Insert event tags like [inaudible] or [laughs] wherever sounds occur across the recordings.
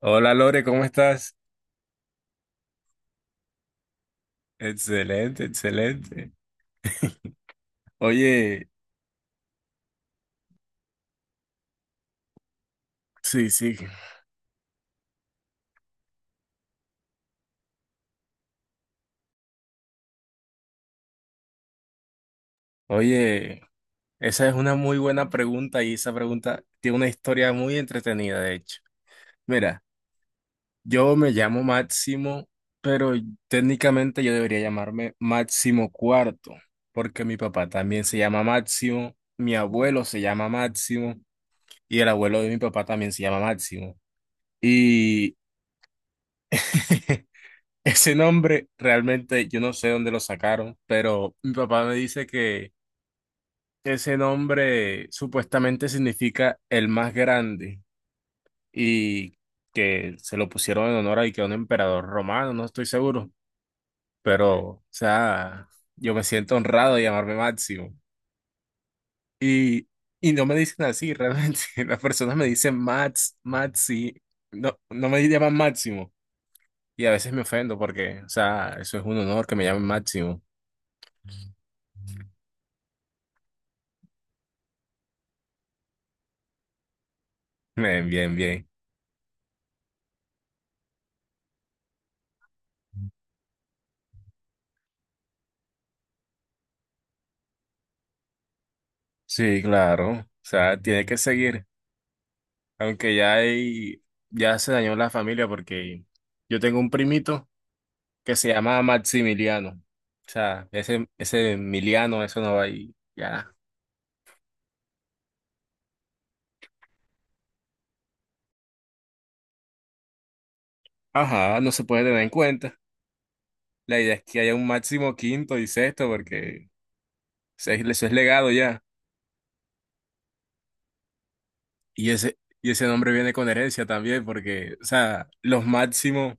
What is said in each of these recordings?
Hola Lore, ¿cómo estás? Excelente, excelente. Oye, sí, sí. Oye, esa es una muy buena pregunta y esa pregunta tiene una historia muy entretenida, de hecho. Mira, yo me llamo Máximo, pero técnicamente yo debería llamarme Máximo Cuarto, porque mi papá también se llama Máximo, mi abuelo se llama Máximo y el abuelo de mi papá también se llama Máximo. Y [laughs] [laughs] ese nombre realmente yo no sé dónde lo sacaron, pero mi papá me dice que ese nombre supuestamente significa el más grande y que se lo pusieron en honor a y que a un emperador romano, no estoy seguro, pero o sea, yo me siento honrado de llamarme Máximo. Y, y no me dicen así, realmente [laughs] las personas me dicen Max, Maxi, no, no me llaman Máximo y a veces me ofendo porque, o sea, eso es un honor que me llamen Máximo. [laughs] Bien, bien, bien. Sí, claro. O sea, tiene que seguir. Aunque ya hay, ya se dañó la familia porque yo tengo un primito que se llama Maximiliano. O sea, ese Emiliano, eso no va ahí. Ya. Ajá, no se puede tener en cuenta. La idea es que haya un máximo quinto y sexto porque eso es legado ya. Y ese nombre viene con herencia también porque, o sea, los máximos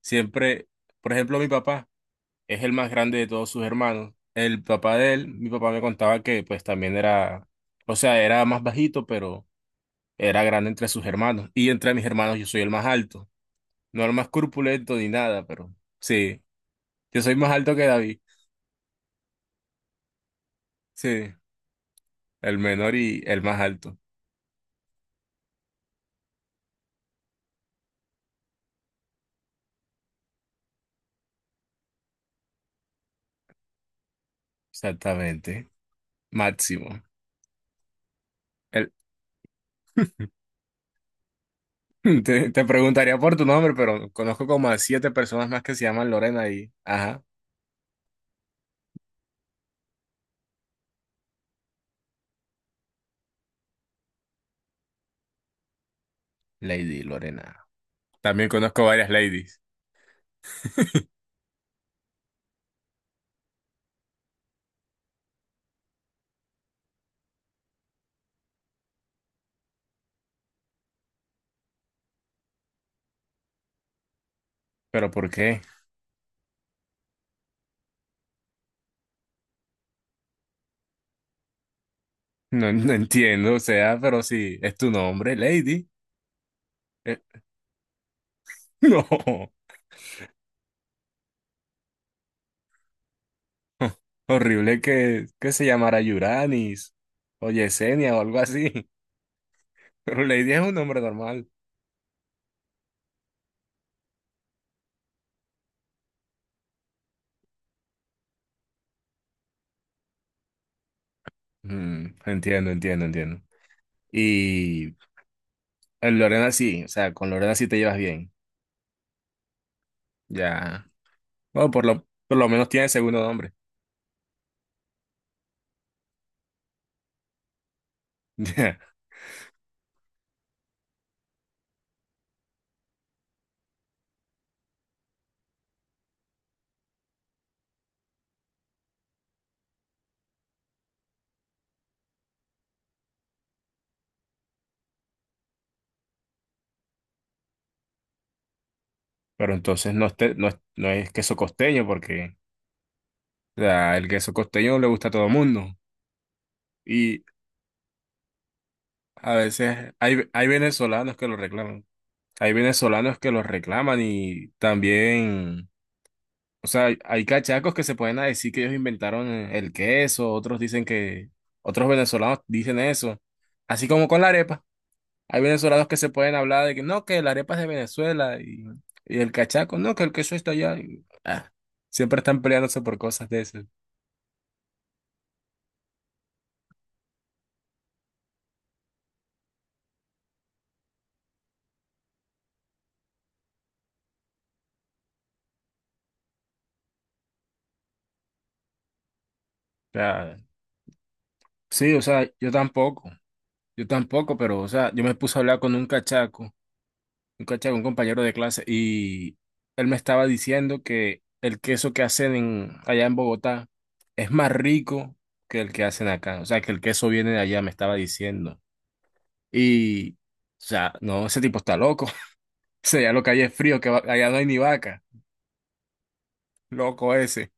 siempre, por ejemplo, mi papá. Es el más grande de todos sus hermanos. El papá de él, mi papá me contaba que pues también era, o sea, era más bajito, pero era grande entre sus hermanos. Y entre mis hermanos yo soy el más alto. No el más corpulento ni nada, pero sí, yo soy más alto que David. Sí, el menor y el más alto. Exactamente. Máximo. El- [laughs] te preguntaría por tu nombre, pero conozco como a siete personas más que se llaman Lorena y... Ajá, Lady Lorena. También conozco varias ladies. [laughs] ¿Pero por qué? No, no entiendo, o sea, pero si es tu nombre, Lady. eh, [laughs] no, horrible que se llamara Yuranis o Yesenia o algo así. [laughs] Pero Lady es un nombre normal. Mm, entiendo, entiendo, entiendo. Y Lorena sí, o sea, con Lorena sí te llevas bien. Ya. Bueno, por lo menos tiene segundo nombre. [laughs] Ya. Pero entonces no, no, no es queso costeño porque o sea, el queso costeño le gusta a todo el mundo. A veces hay venezolanos que lo reclaman. Hay venezolanos que lo reclaman y también, o sea, hay cachacos que se pueden decir que ellos inventaron el queso, otros dicen que, otros venezolanos dicen eso. Así como con la arepa. Hay venezolanos que se pueden hablar de que no, que la arepa es de Venezuela y el cachaco, no, que el queso está allá. Y, ah, siempre están peleándose por cosas de esas. O sea, sí, o sea, yo tampoco, pero, o sea, yo me puse a hablar con un cachaco. Un un compañero de clase, y él me estaba diciendo que el queso que hacen allá en Bogotá es más rico que el que hacen acá. O sea, que el queso viene de allá, me estaba diciendo. Y, o sea, no, ese tipo está loco. [laughs] O sea, ya lo que hay es frío, que allá no hay ni vaca. Loco ese.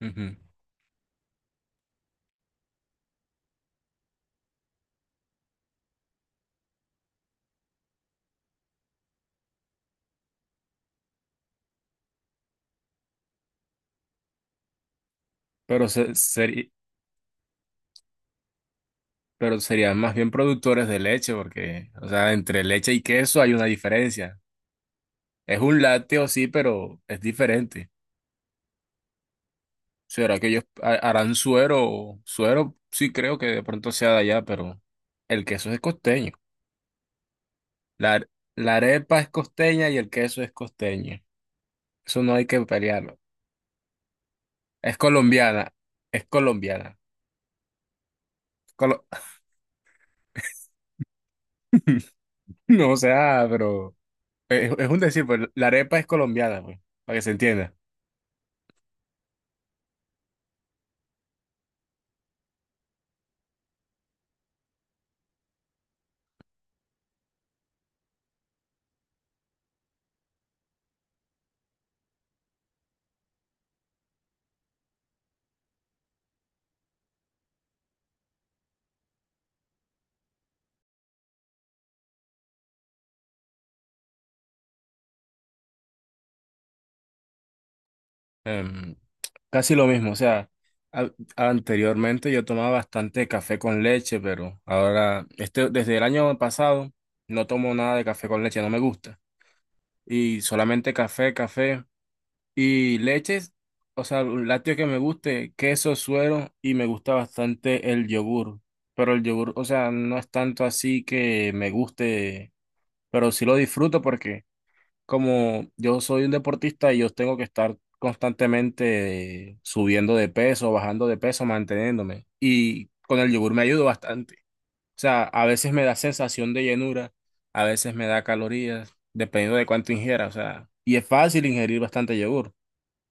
Ujú. Pero, pero serían más bien productores de leche, porque, o sea, entre leche y queso hay una diferencia. Es un lácteo, sí, pero es diferente. ¿Será que ellos harán suero? Suero sí creo que de pronto sea de allá, pero el queso es costeño. La, are- la arepa es costeña y el queso es costeño. Eso no hay que pelearlo. Es colombiana, es colombiana. Colo- [laughs] no, o sea, pero es un decir, pues la arepa es colombiana, pues, para que se entienda. Em, casi lo mismo, o sea, a- anteriormente yo tomaba bastante café con leche, pero ahora, este, desde el año pasado, no tomo nada de café con leche, no me gusta. Y solamente café, café y leches, o sea, un lácteo que me guste, queso, suero y me gusta bastante el yogur. Pero el yogur, o sea, no es tanto así que me guste, pero sí lo disfruto porque como yo soy un deportista y yo tengo que estar constantemente subiendo de peso, bajando de peso, manteniéndome. Y con el yogur me ayudo bastante. O sea, a veces me da sensación de llenura, a veces me da calorías, dependiendo de cuánto ingiera. O sea, y es fácil ingerir bastante yogur,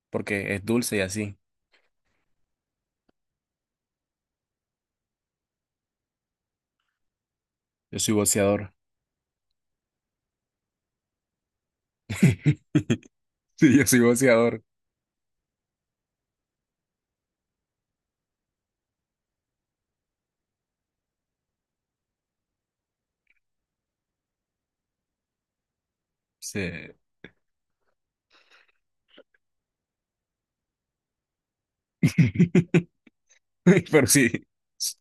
porque es dulce y así. Yo soy boxeador. [laughs] Sí, yo soy boxeador. Sí. [laughs] Pero sí. O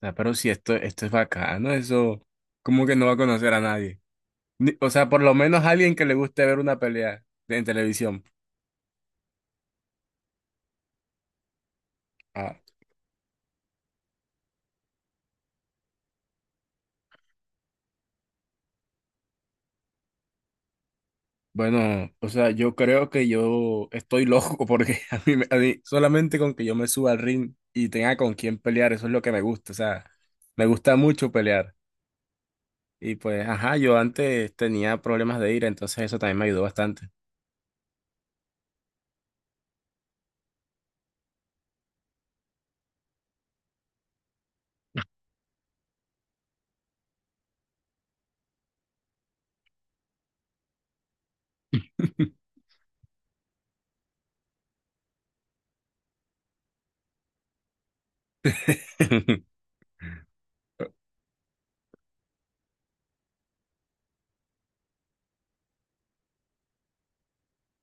sea, pero sí, esto es bacano, eso como que no va a conocer a nadie. O sea, por lo menos alguien que le guste ver una pelea en televisión. Ah, bueno, o sea, yo creo que yo estoy loco porque [laughs] a mí, a mí solamente con que yo me suba al ring y tenga con quién pelear, eso es lo que me gusta. O sea, me gusta mucho pelear. Y pues, ajá, yo antes tenía problemas de ira, entonces eso también me ayudó bastante. [laughs]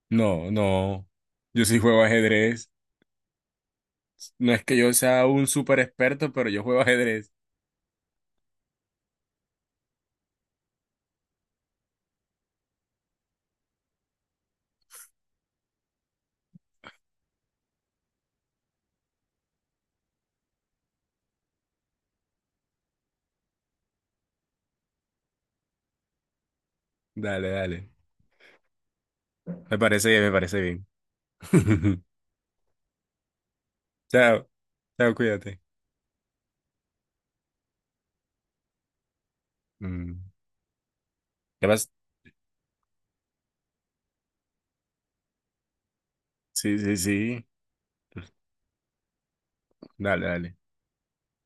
No, no. Yo sí juego ajedrez. No es que yo sea un súper experto, pero yo juego ajedrez. Dale, dale. Me parece bien, me parece bien. [laughs] Chao, chao, cuídate. Mm, ¿qué más? Sí, sí, sí. Dale, dale.